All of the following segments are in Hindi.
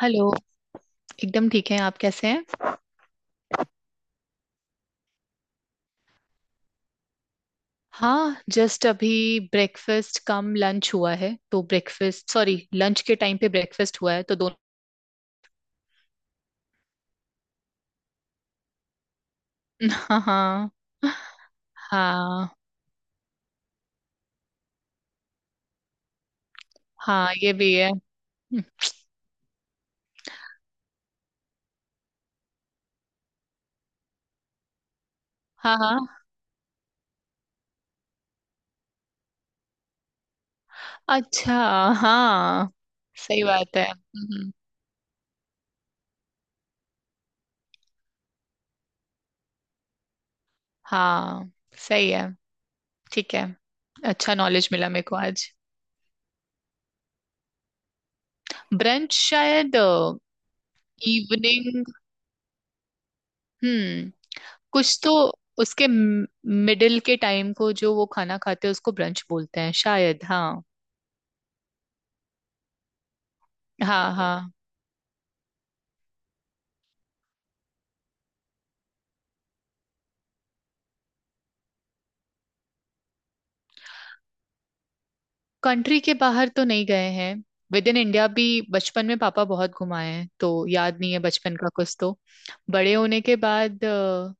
हेलो। एकदम ठीक है, आप कैसे हैं? हाँ जस्ट अभी ब्रेकफास्ट कम लंच हुआ है, तो ब्रेकफास्ट सॉरी लंच के टाइम पे ब्रेकफास्ट हुआ है तो दोनों। हाँ हाँ। हाँ हाँ ये भी है। हाँ हाँ। अच्छा। हाँ सही बात है। हम्म। हाँ सही है। ठीक है। अच्छा नॉलेज मिला मेरे को आज। ब्रंच शायद। इवनिंग। हम्म। कुछ तो उसके मिडिल के टाइम को जो वो खाना खाते हैं उसको ब्रंच बोलते हैं शायद। हाँ। हाँ हाँ। कंट्री के बाहर तो नहीं गए हैं। विद इन इंडिया भी बचपन में पापा बहुत घुमाए हैं तो याद नहीं है बचपन का कुछ तो। बड़े होने के बाद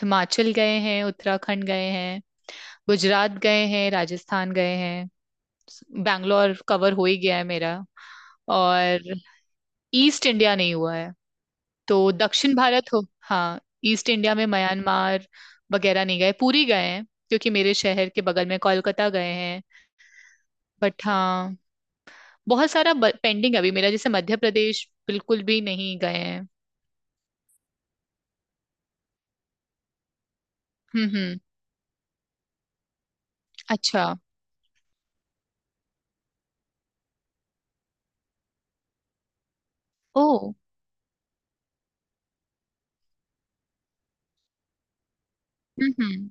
हिमाचल गए हैं, उत्तराखंड गए हैं, गुजरात गए हैं, राजस्थान गए हैं। बैंगलोर कवर हो ही गया है मेरा। और ईस्ट इंडिया नहीं हुआ है, तो दक्षिण भारत हो। हाँ ईस्ट इंडिया में म्यांमार वगैरह नहीं गए, पुरी गए हैं क्योंकि मेरे शहर के बगल में कोलकाता गए हैं। बट हाँ बहुत सारा पेंडिंग अभी मेरा, जैसे मध्य प्रदेश बिल्कुल भी नहीं गए हैं। हम्म। अच्छा। ओ। हम्म।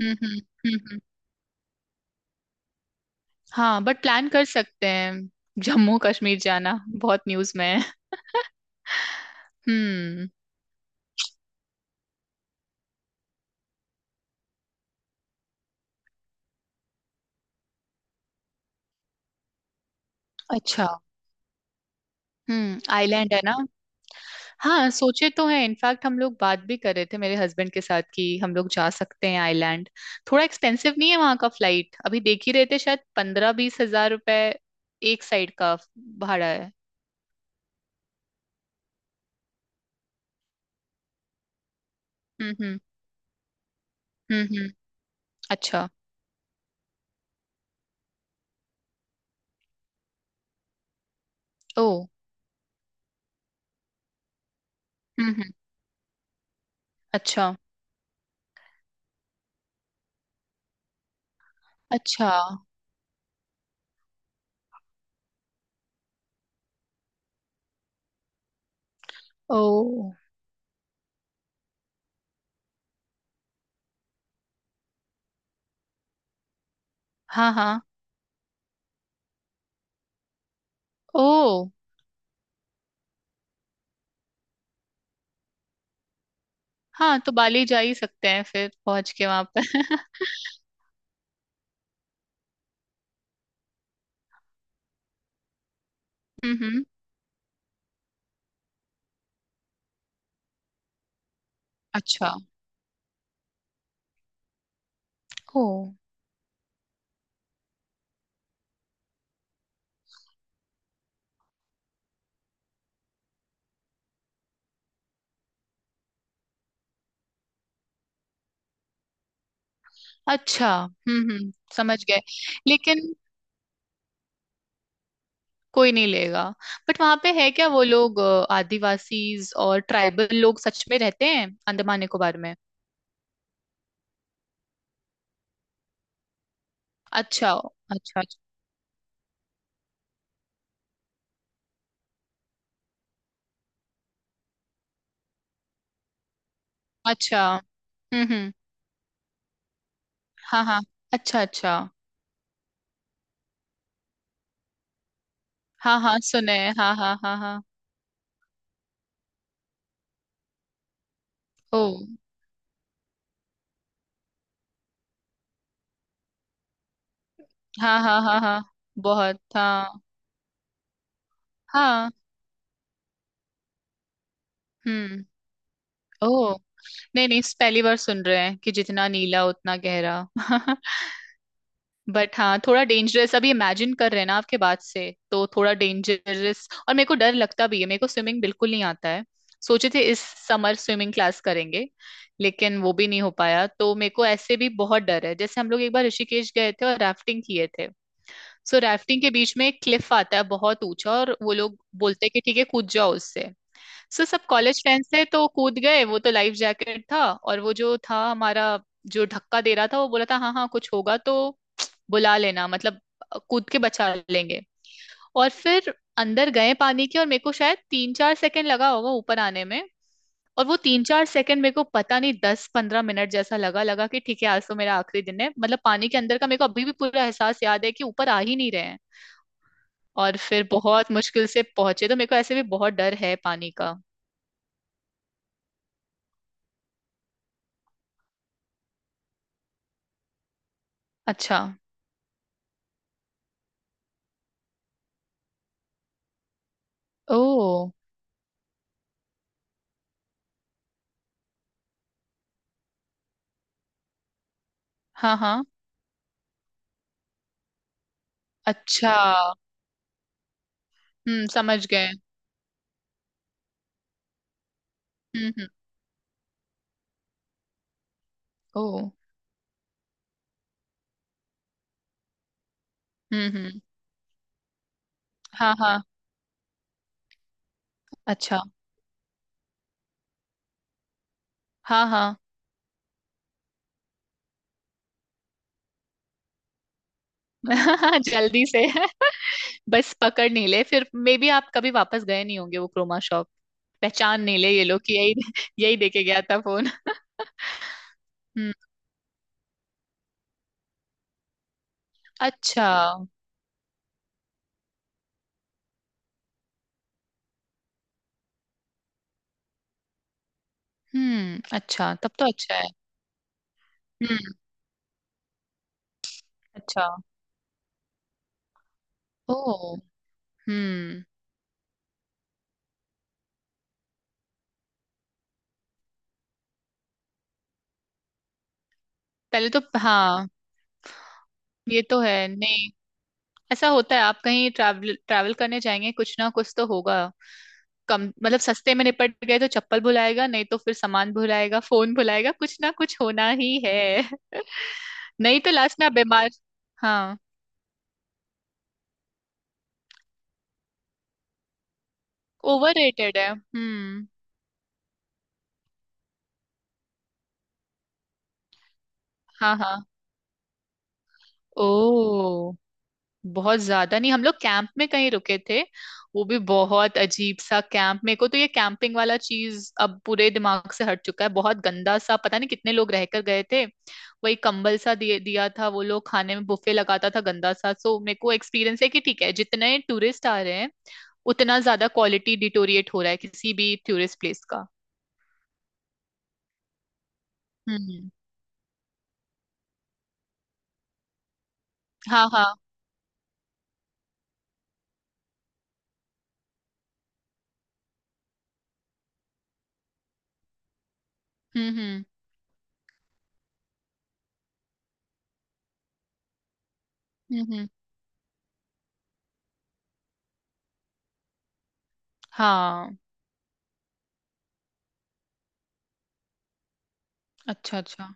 हम्म। हम्म, हम्म। हाँ बट प्लान कर सकते हैं। जम्मू कश्मीर जाना बहुत न्यूज में है। हम्म। अच्छा। आइलैंड है ना। हाँ सोचे तो है, इनफैक्ट हम लोग बात भी कर रहे थे मेरे हस्बैंड के साथ कि हम लोग जा सकते हैं आइलैंड। थोड़ा एक्सपेंसिव नहीं है वहाँ का फ्लाइट? अभी देख ही रहे थे, शायद 15-20 हजार रुपए एक साइड का भाड़ा है। हम्म। हम्म। अच्छा। ओ। हम्म। अच्छा अच्छा। ओ। हाँ हाँ। ओ। हाँ तो बाली जा ही सकते हैं फिर पहुंच के वहां पर हम्म। अच्छा। ओ। अच्छा। समझ गए। लेकिन कोई नहीं लेगा। बट वहां पे है क्या वो लोग आदिवासीज और ट्राइबल लोग सच में रहते हैं अंडमान निकोबार में? अच्छा अच्छा। अच्छा अच्छा। हम्म। हाँ हाँ। अच्छा अच्छा। हाँ हाँ सुने हैं, हाँ हाँ हाँ हाँ। ओ। हाँ हाँ हाँ हाँ। बहुत हाँ। हाँ। हम्म। ओ। नहीं नहीं, इस पहली बार सुन रहे हैं कि जितना नीला उतना गहरा बट हाँ थोड़ा डेंजरस, अभी इमेजिन कर रहे हैं ना आपके बात से तो थोड़ा डेंजरस, और मेरे को डर लगता भी है, मेरे को स्विमिंग बिल्कुल नहीं आता है। सोचे थे इस समर स्विमिंग क्लास करेंगे, लेकिन वो भी नहीं हो पाया। तो मेरे को ऐसे भी बहुत डर है, जैसे हम लोग एक बार ऋषिकेश गए थे और राफ्टिंग किए थे। सो राफ्टिंग के बीच में एक क्लिफ आता है बहुत ऊंचा, और वो लोग बोलते हैं कि ठीक है कूद जाओ उससे। सो सब कॉलेज फ्रेंड्स थे तो कूद गए, वो तो लाइफ जैकेट था। और वो जो था हमारा, जो धक्का दे रहा था, वो बोला था हाँ हाँ कुछ होगा तो बुला लेना, मतलब कूद के बचा लेंगे। और फिर अंदर गए पानी के, और मेरे को शायद 3-4 सेकंड लगा होगा ऊपर आने में। और वो 3-4 सेकंड मेरे को पता नहीं 10-15 मिनट जैसा लगा, लगा कि ठीक है आज तो मेरा आखिरी दिन है। मतलब पानी के अंदर का मेरे को अभी भी पूरा एहसास याद है कि ऊपर आ ही नहीं रहे हैं। और फिर बहुत मुश्किल से पहुंचे, तो मेरे को ऐसे भी बहुत डर है पानी का। अच्छा। ओ। हाँ हाँ। अच्छा। समझ गए। हम्म। ओ। हम्म। हाँ हाँ। अच्छा। हाँ हाँ। जल्दी से बस पकड़ नहीं ले फिर मे बी, आप कभी वापस गए नहीं होंगे वो क्रोमा शॉप, पहचान नहीं ले ये लोग कि यही यही देके गया था फोन हम्म। अच्छा। अच्छा तब तो अच्छा है। हम्म। अच्छा। ओ। हम्म। पहले तो हाँ। ये तो है नहीं। ऐसा होता है, आप कहीं ट्रैवल ट्रैवल करने जाएंगे कुछ ना कुछ तो होगा। कम मतलब सस्ते में निपट गए, तो चप्पल भुलाएगा, नहीं तो फिर सामान भुलाएगा, फोन भुलाएगा, कुछ ना कुछ होना ही है। नहीं तो लास्ट में आप बीमार। हाँ ओवर रेटेड है। हम्म। हाँ हाँ। ओ। बहुत ज्यादा नहीं, हम लोग कैंप में कहीं रुके थे। वो भी बहुत अजीब सा कैंप, मेरे को तो ये कैंपिंग वाला चीज अब पूरे दिमाग से हट चुका है, बहुत गंदा सा, पता नहीं कितने लोग रहकर गए थे। वही कंबल सा दिए दिया था वो लोग, खाने में बुफे लगाता था गंदा सा। सो मेरे को एक्सपीरियंस है कि ठीक है जितने टूरिस्ट आ रहे हैं उतना ज्यादा क्वालिटी डिटोरिएट हो रहा है किसी भी टूरिस्ट प्लेस का। हम्म। हाँ हाँ। हम्म। हम्म हम्म, हाँ। अच्छा अच्छा।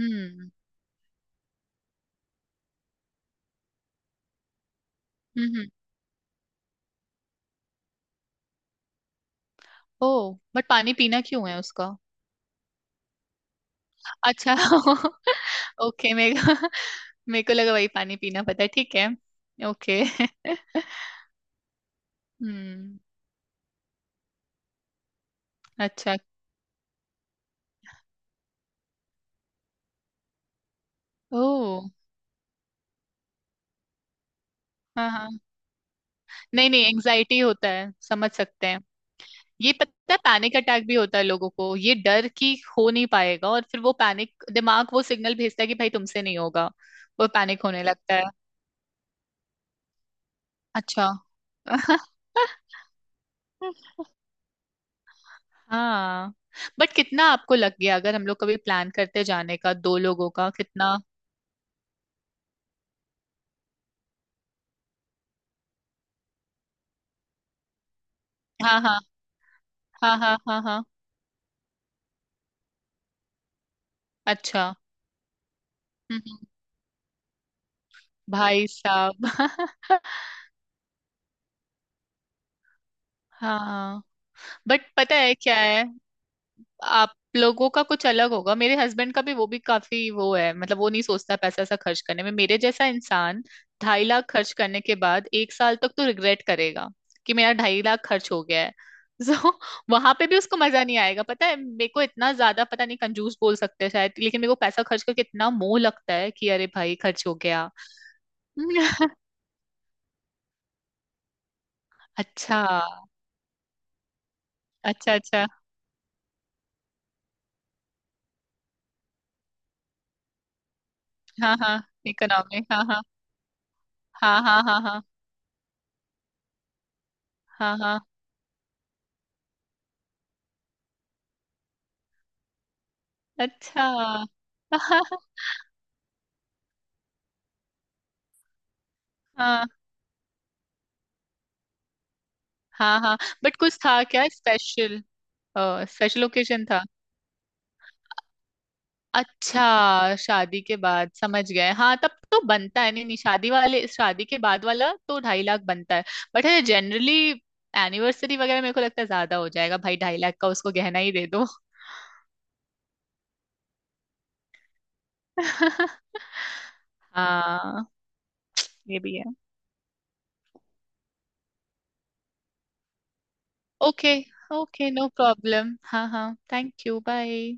हम्म हम्म। ओ। बट पानी पीना क्यों है उसका? अच्छा ओके, मेरे को, मेरे को लगा वही पानी पीना, पता है ठीक है। ओके हम्म। अच्छा। ओ। हाँ हाँ। नहीं नहीं एंजाइटी होता है, समझ सकते हैं। ये पता है पैनिक अटैक भी होता है लोगों को, ये डर कि हो नहीं पाएगा, और फिर वो पैनिक दिमाग वो सिग्नल भेजता है कि भाई तुमसे नहीं होगा, वो पैनिक होने लगता है। अच्छा हाँ बट कितना आपको लग गया? अगर हम लोग कभी प्लान करते जाने का, दो लोगों का कितना? हाँ हाँ। हाँ हाँ। हाँ हाँ। अच्छा। हम्म हम्म, भाई साहब हाँ बट पता है क्या है, आप लोगों का कुछ अलग होगा, मेरे हस्बैंड का भी वो भी काफी वो है, मतलब वो नहीं सोचता पैसा ऐसा खर्च करने में, मेरे जैसा इंसान 2.5 लाख खर्च करने के बाद एक साल तक तो रिग्रेट करेगा कि मेरा 2.5 लाख खर्च हो गया है। सो वहां पे भी उसको मजा नहीं आएगा, पता है मेरे को इतना ज्यादा, पता नहीं कंजूस बोल सकते हैं शायद, लेकिन मेरे को पैसा खर्च करके इतना मोह लगता है कि अरे भाई खर्च हो गया। अच्छा अच्छा। अच्छा। हाँ हाँ इकोनॉमिक हाँ हाँ, हाँ हाँ हाँ। हाँ हाँ। हाँ अच्छा हाँ। हाँ हाँ बट कुछ था क्या स्पेशल? स्पेशल ओकेजन था? अच्छा शादी के बाद, समझ गए, हाँ तब तो बनता है, नहीं नहीं शादी वाले, शादी के बाद वाला तो 2.5 लाख बनता है। बट है जनरली एनिवर्सरी वगैरह मेरे को लगता है ज्यादा हो जाएगा भाई 2.5 लाख का, उसको गहना ही दे दो। हाँ ये भी है। ओके, ओके नो प्रॉब्लम, हाँ हाँ। Thank you bye.